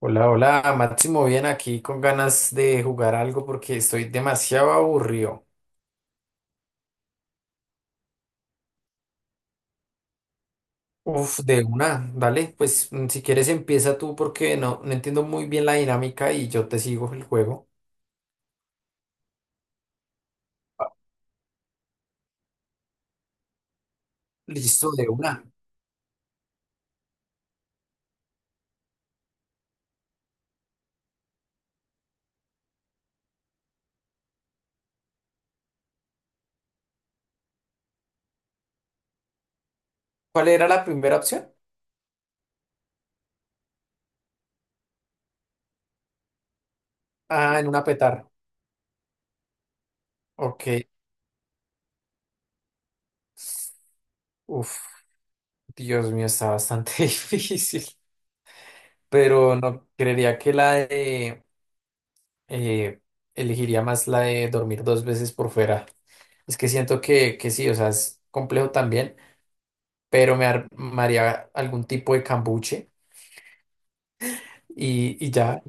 Hola, hola, Máximo, bien aquí con ganas de jugar algo porque estoy demasiado aburrido. Uf, de una, dale, pues si quieres empieza tú porque no, no entiendo muy bien la dinámica y yo te sigo el juego. Listo, de una. ¿Cuál era la primera opción? Ah, en una petar. Ok, uf, Dios mío, está bastante difícil, pero no creería que eh, elegiría más la de dormir dos veces por fuera. Es que siento que sí, o sea, es complejo también. Pero me armaría algún tipo de cambuche y ya,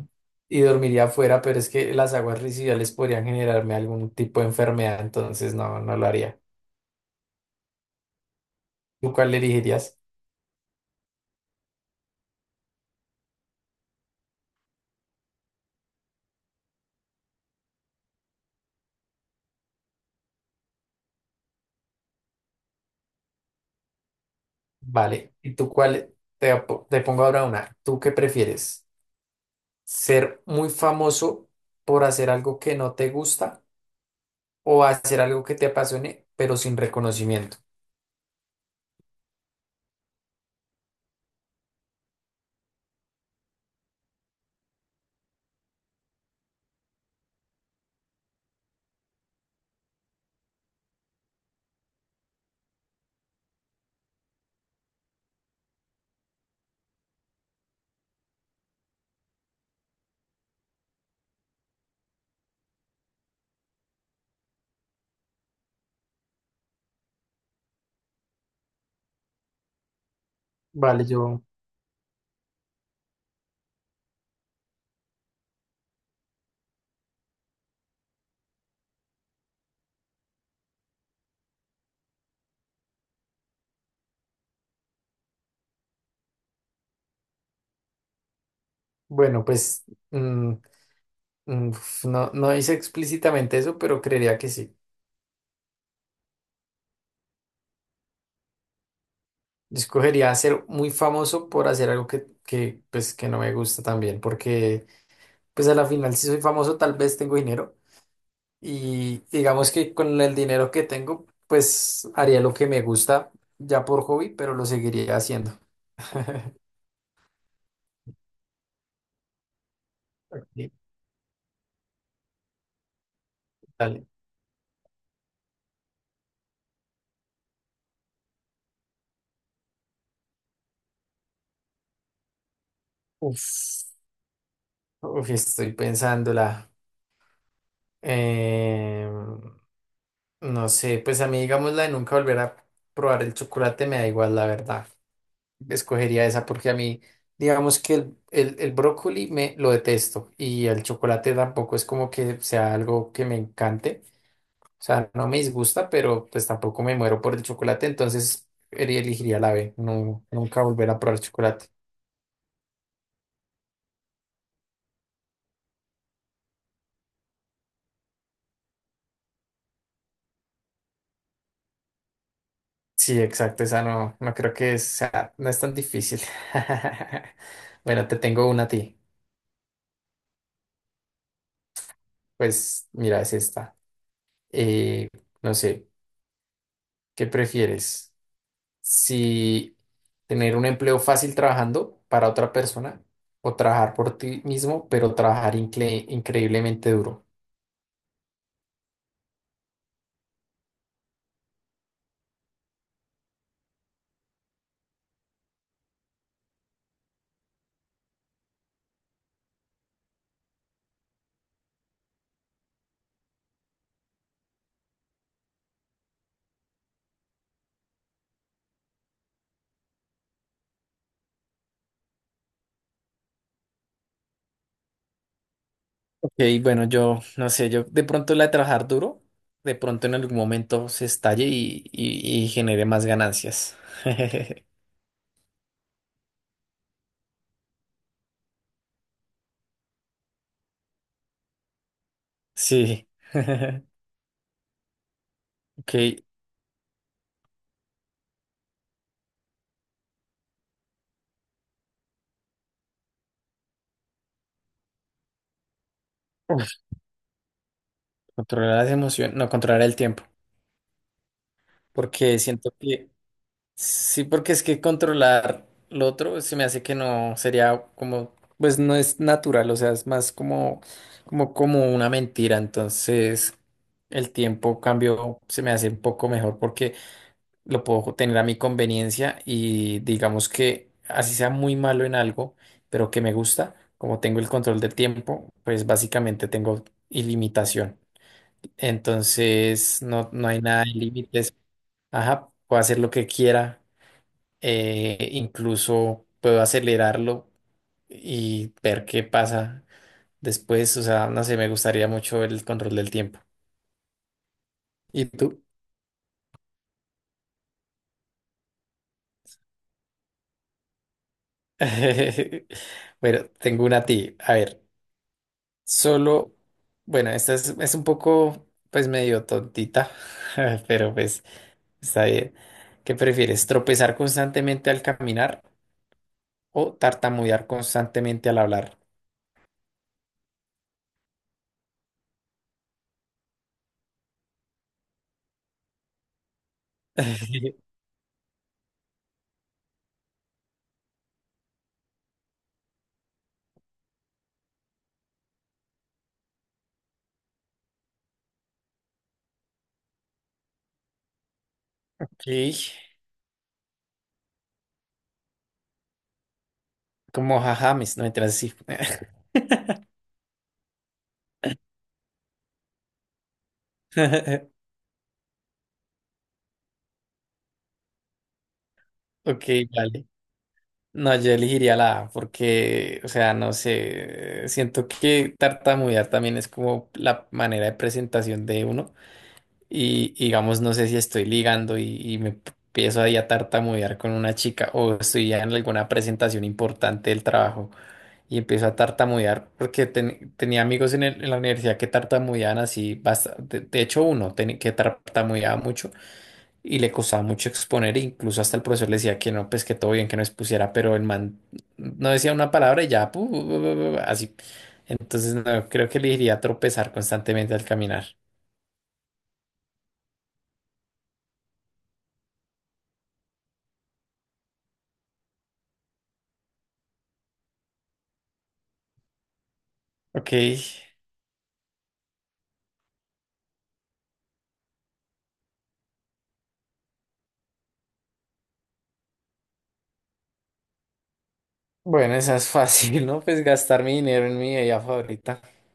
y dormiría afuera, pero es que las aguas residuales podrían generarme algún tipo de enfermedad, entonces no, no lo haría. ¿Tú cuál elegirías? Vale, ¿y tú cuál? Te pongo ahora una. ¿Tú qué prefieres? ¿Ser muy famoso por hacer algo que no te gusta o hacer algo que te apasione, pero sin reconocimiento? Vale, bueno, pues mm, mm, no, no hice explícitamente eso, pero creería que sí. Yo escogería ser muy famoso por hacer algo que, pues, que no me gusta también, porque pues a la final si soy famoso tal vez tengo dinero y digamos que con el dinero que tengo pues haría lo que me gusta ya por hobby, pero lo seguiría haciendo. Ok, dale. Uf, uf, estoy pensándola. Eh, no sé, pues a mí digamos la de nunca volver a probar el chocolate me da igual, la verdad. Escogería esa porque a mí, digamos que el brócoli me lo detesto y el chocolate tampoco es como que sea algo que me encante. O sea, no me disgusta, pero pues tampoco me muero por el chocolate, entonces elegiría la B, no, nunca volver a probar chocolate. Sí, exacto, esa no, no creo que sea, no es tan difícil. Bueno, te tengo una a ti. Pues mira, es esta. Eh, no sé, ¿qué prefieres? Si tener un empleo fácil trabajando para otra persona o trabajar por ti mismo, pero trabajar increíblemente duro. Ok, bueno, yo no sé, yo de pronto la de trabajar duro, de pronto en algún momento se estalle y genere más ganancias. Sí. Ok. Uf, controlar las emociones, no, controlar el tiempo, porque siento que sí, porque es que controlar lo otro se me hace que no sería como, pues no es natural, o sea, es más como una mentira. Entonces, el tiempo cambio se me hace un poco mejor porque lo puedo tener a mi conveniencia y digamos que así sea muy malo en algo, pero que me gusta, como tengo el control del tiempo, pues básicamente tengo ilimitación. Entonces, no, no hay nada de límites. Ajá, puedo hacer lo que quiera incluso puedo acelerarlo y ver qué pasa después. O sea, no sé, me gustaría mucho el control del tiempo. ¿Y tú? Bueno, tengo una a ti. A ver, solo, bueno, esta es un poco, pues medio tontita, pero pues está bien. ¿Qué prefieres? ¿Tropezar constantemente al caminar o tartamudear constantemente al hablar? Ok, como jajames, no me así. Ok, vale. No, yo elegiría la A porque, o sea, no sé, siento que tartamudear también es como la manera de presentación de uno y digamos, no sé si estoy ligando y me empiezo ahí a tartamudear con una chica o estoy ya en alguna presentación importante del trabajo y empiezo a tartamudear porque tenía amigos en la universidad que tartamudeaban así, de hecho uno que tartamudeaba mucho. Y le costaba mucho exponer, e incluso hasta el profesor le decía que no, pues que todo bien, que no expusiera, pero el man no decía una palabra y ya, pu- pu- pu- pu- así. Entonces, no, creo que le iría a tropezar constantemente al caminar. Ok, bueno, esa es fácil, ¿no? Pues gastar mi dinero en mi bebida favorita.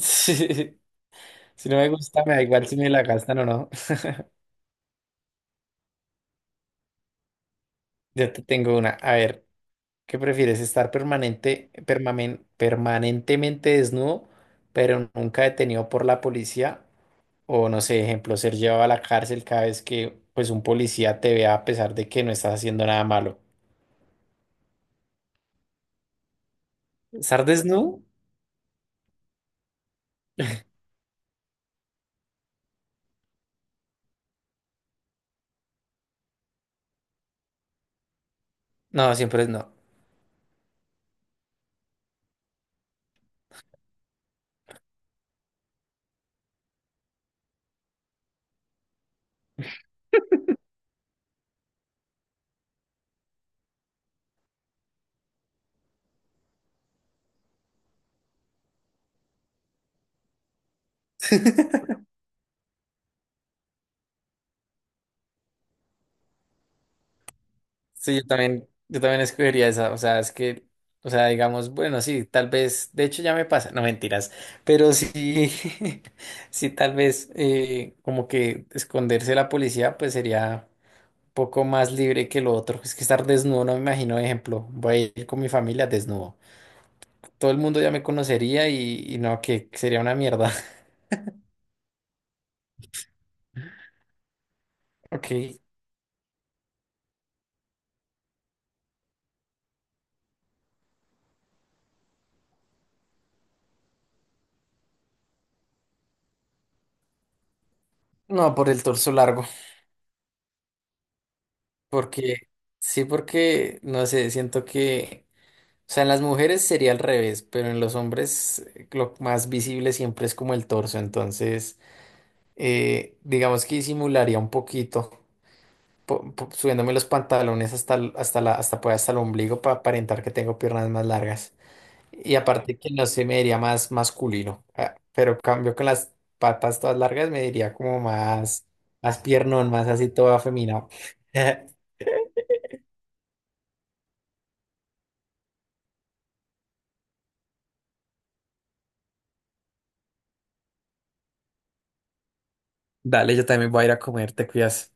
Sí. Si no me gusta, me da igual si me la gastan o no. Yo te tengo una. A ver, ¿qué prefieres? ¿Estar permanentemente desnudo, pero nunca detenido por la policía? O no sé, ejemplo, ser llevado a la cárcel cada vez que pues un policía te vea a pesar de que no estás haciendo nada malo. ¿Estar desnudo? No, siempre es no. Sí, yo también escogería esa. O sea, es que, o sea, digamos, bueno, sí, tal vez, de hecho ya me pasa, no mentiras, pero sí, sí, tal vez como que esconderse de la policía, pues sería un poco más libre que lo otro. Es que estar desnudo, no me imagino, ejemplo, voy a ir con mi familia desnudo. Todo el mundo ya me conocería y no, que sería una mierda. Ok. No, por el torso largo. Porque, sí, porque, no sé, siento que, o sea, en las mujeres sería al revés, pero en los hombres lo más visible siempre es como el torso. Entonces, digamos que disimularía un poquito, subiéndome los pantalones hasta, el- hasta la, hasta, pues, hasta el ombligo para aparentar que tengo piernas más largas. Y aparte que no se me diría más masculino, ah, pero cambio con las patas todas largas me diría como más piernón, más así todo afeminado. Dale, yo también voy a ir a comer, te cuidas.